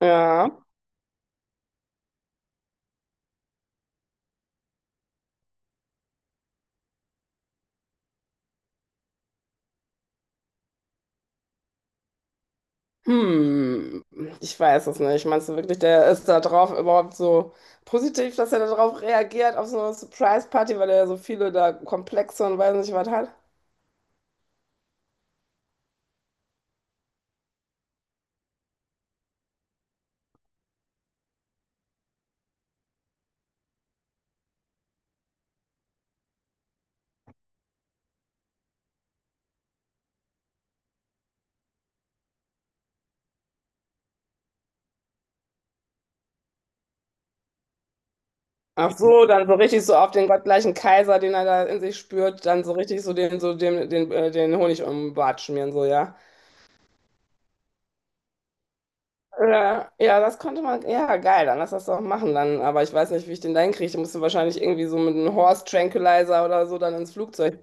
Ja, hm, ich weiß es nicht. Meinst du wirklich, der ist da drauf überhaupt so positiv, dass er darauf reagiert, auf so eine Surprise-Party, weil er ja so viele da Komplexe und weiß nicht was hat? Ach so, dann so richtig so auf den gottgleichen Kaiser, den er da in sich spürt, dann so richtig den Honig um den Bart schmieren, so, ja. Ja, ja, das könnte man, ja, geil, dann lass das doch machen dann, aber ich weiß nicht, wie ich den da hinkriege. Ich musste wahrscheinlich irgendwie so mit einem Horse Tranquilizer oder so dann ins Flugzeug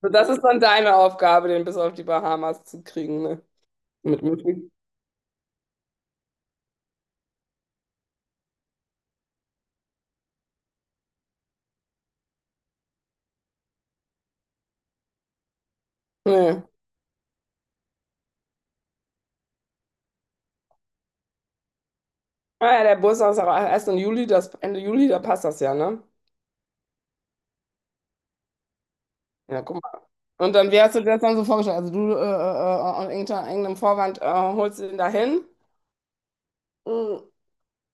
So, Das ist dann deine Aufgabe, den bis auf die Bahamas zu kriegen, ne? Mit möglich. Nee. Ah ja, der Bus ist auch erst im Juli, das Ende Juli, da passt das ja, ne? Ja, guck mal. Und dann, wie hast du dir das dann so vorgestellt? Also du unter irgendeinem Vorwand holst du ihn dahin. Mm.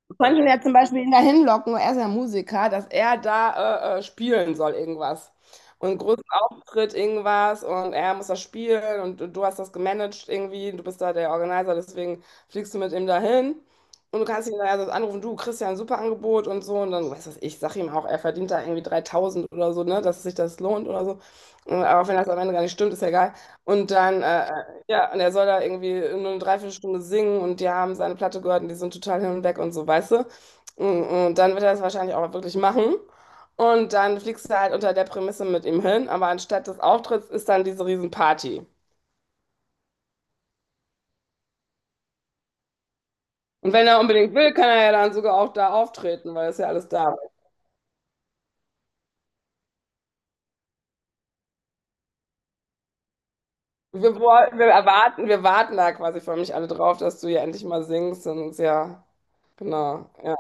Du kannst ja zum Beispiel ihn dahin locken, er ist ja Musiker, dass er da spielen soll irgendwas. Und einen großen Auftritt irgendwas und er muss das spielen und du hast das gemanagt irgendwie, du bist da der Organizer, deswegen fliegst du mit ihm dahin. Und du kannst ihn dann also anrufen, du kriegst ja ein super Angebot und so. Und dann, was weiß ich, sag ihm auch, er verdient da irgendwie 3000 oder so, ne, dass sich das lohnt oder so. Aber auch wenn das am Ende gar nicht stimmt, ist ja egal. Und dann Ja, und er soll da irgendwie nur eine Dreiviertelstunde singen und die haben seine Platte gehört und die sind total hin und weg und so, weißt du? Und dann wird er das wahrscheinlich auch wirklich machen. Und dann fliegst du halt unter der Prämisse mit ihm hin, aber anstatt des Auftritts ist dann diese Riesenparty. Und wenn er unbedingt will, kann er ja dann sogar auch da auftreten, weil das ja alles da. Wir warten da quasi für mich alle drauf, dass du ja endlich mal singst und ja, genau. Ja.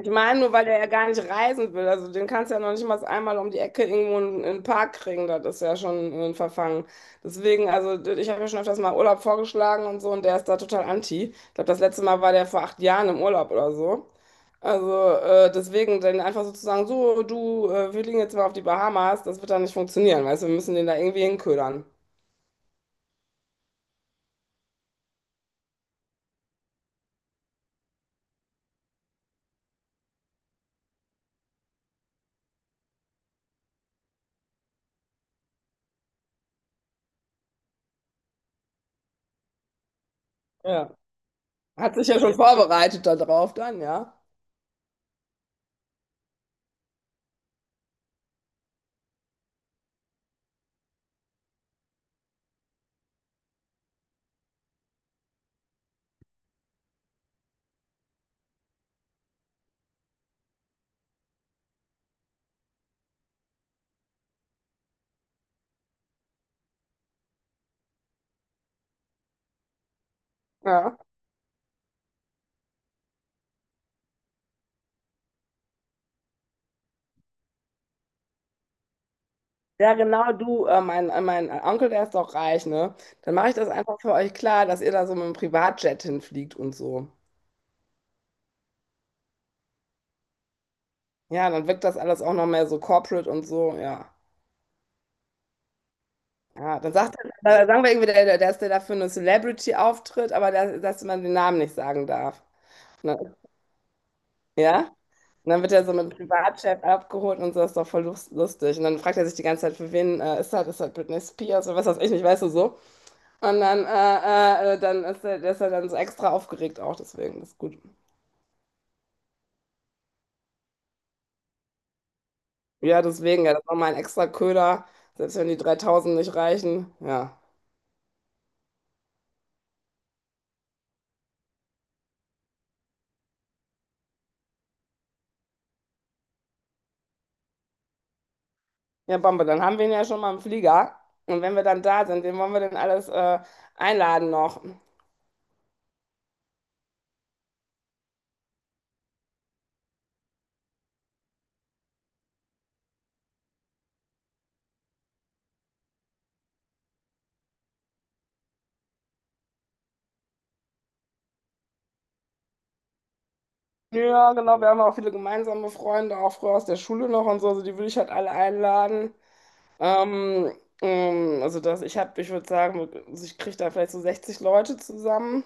Ich meine nur, weil der ja gar nicht reisen will. Also den kannst du ja noch nicht mal einmal um die Ecke irgendwo in den Park kriegen. Das ist ja schon ein Verfangen. Deswegen, also ich habe mir schon öfters mal Urlaub vorgeschlagen und so und der ist da total anti. Ich glaube, das letzte Mal war der vor acht Jahren im Urlaub oder so. Also deswegen, dann einfach so zu sagen, so du, wir fliegen jetzt mal auf die Bahamas, das wird dann nicht funktionieren, weißt du, wir müssen den da irgendwie hinködern. Ja. Hat sich ja schon vorbereitet darauf dann, ja. Ja. Ja, genau, du, mein, mein Onkel, der ist doch reich, ne? Dann mache ich das einfach für euch klar, dass ihr da so mit dem Privatjet hinfliegt und so. Ja, dann wirkt das alles auch noch mehr so corporate und so, ja. Ja, dann sagt dann sagen wir irgendwie, dass der dafür eine Celebrity auftritt, aber der, dass man den Namen nicht sagen darf. Ne? Ja? Und dann wird er so mit dem Privatjet abgeholt und so, ist doch voll lustig. Und dann fragt er sich die ganze Zeit, für wen ist das? Ist das Britney Spears oder was weiß ich nicht, weißt du so. Und dann, dann ist er, der ist er dann so extra aufgeregt auch, deswegen, das ist gut. Ja, deswegen, ja, das ist nochmal ein extra Köder, selbst wenn die 3000 nicht reichen. Ja. Ja, Bombe, dann haben wir ihn ja schon mal im Flieger. Und wenn wir dann da sind, wen wollen wir denn alles einladen noch? Ja, genau, wir haben auch viele gemeinsame Freunde, auch früher aus der Schule noch und so, also die würde ich halt alle einladen. Ähm, also das, ich würde sagen, also ich kriege da vielleicht so 60 Leute zusammen.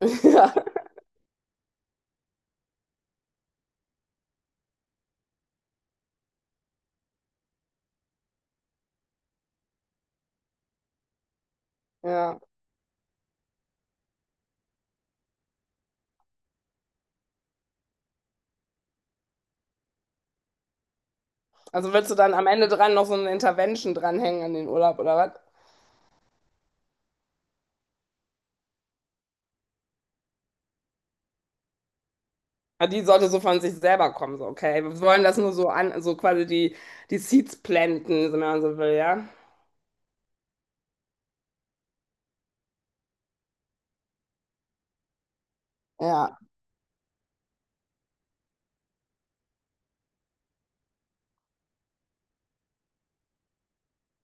Ja, ja. Also willst du dann am Ende dran noch so eine Intervention dranhängen an den Urlaub oder was? Ja, die sollte so von sich selber kommen, so, okay. Wir wollen das nur so an, so quasi die Seeds planten, so wenn man so will, ja. Ja,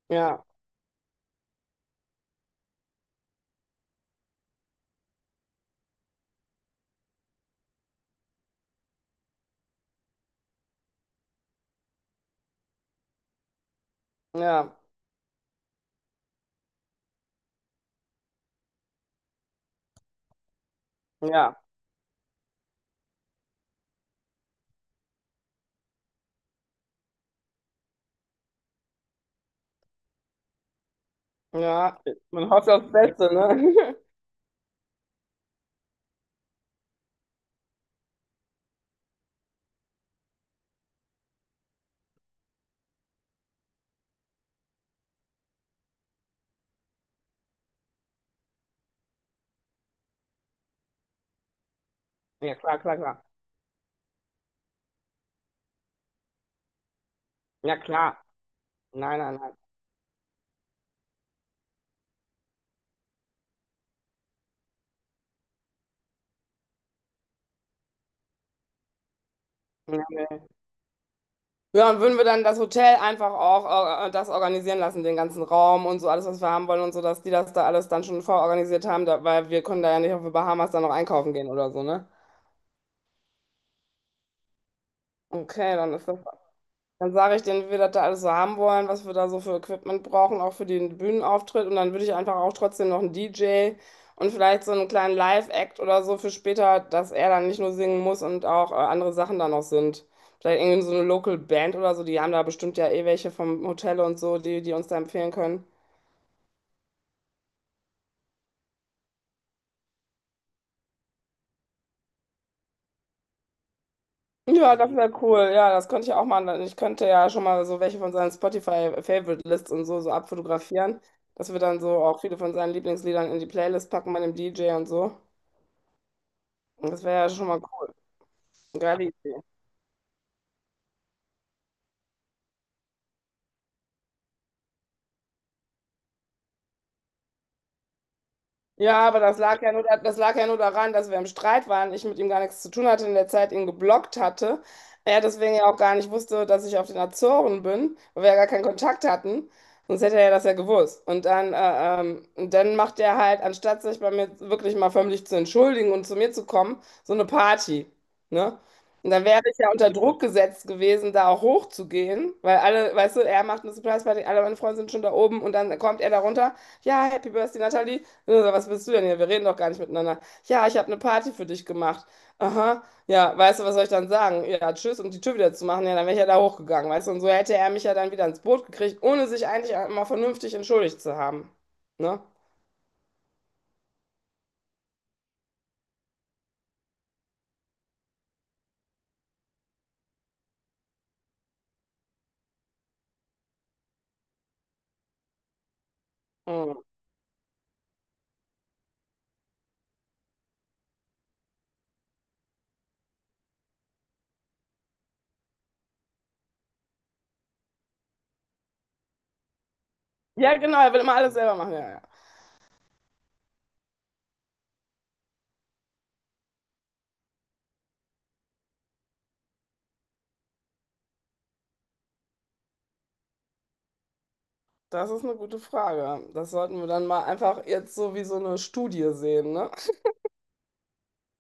ja, ja, ja, ja. Man hofft aufs Beste, ne? Ja, klar, klar, klar. Ja, klar. Nein, nein, nein. Ja, Ja, und würden wir dann das Hotel einfach auch das organisieren lassen, den ganzen Raum und so alles, was wir haben wollen und so, dass die das da alles dann schon vororganisiert haben, da, weil wir können da ja nicht auf die Bahamas dann noch einkaufen gehen oder so, ne? Okay, dann ist das Dann sage ich denen, wie wir das da alles so haben wollen, was wir da so für Equipment brauchen, auch für den Bühnenauftritt. Und dann würde ich einfach auch trotzdem noch einen DJ und vielleicht so einen kleinen Live-Act oder so für später, dass er dann nicht nur singen muss und auch andere Sachen da noch sind. Vielleicht irgendwie so eine Local Band oder so, die haben da bestimmt ja eh welche vom Hotel und so, die uns da empfehlen können. Ja, das, mhm, wäre cool. Ja, das könnte ich auch machen. Weil ich könnte ja schon mal so welche von seinen Spotify-Favorite-Lists und so, so abfotografieren, dass wir dann so auch viele von seinen Lieblingsliedern in die Playlist packen bei dem DJ und so. Das wäre ja schon mal cool. Geile Idee. Ja, aber das lag ja nur daran, dass wir im Streit waren, ich mit ihm gar nichts zu tun hatte, in der Zeit ihn geblockt hatte. Er deswegen ja auch gar nicht wusste, dass ich auf den Azoren bin, weil wir ja gar keinen Kontakt hatten. Sonst hätte er ja das ja gewusst. Und dann macht er halt, anstatt sich bei mir wirklich mal förmlich zu entschuldigen und zu mir zu kommen, so eine Party. Ne? Und dann wäre ich ja unter Druck gesetzt gewesen, da auch hochzugehen, weil alle, weißt du, er macht eine Surprise-Party, alle meine Freunde sind schon da oben und dann kommt er da runter. Ja, Happy Birthday, Natalie. Ich so, was willst du denn hier? Wir reden doch gar nicht miteinander. Ja, ich habe eine Party für dich gemacht. Aha, ja, weißt du, was soll ich dann sagen? Ja, tschüss und die Tür wieder zu machen. Ja, dann wäre ich ja da hochgegangen, weißt du? Und so hätte er mich ja dann wieder ins Boot gekriegt, ohne sich eigentlich mal vernünftig entschuldigt zu haben. Ne? Mhm. Ja, genau, er will immer alles selber machen. Ja, ja. Das ist eine gute Frage. Das sollten wir dann mal einfach jetzt so wie so eine Studie sehen, ne?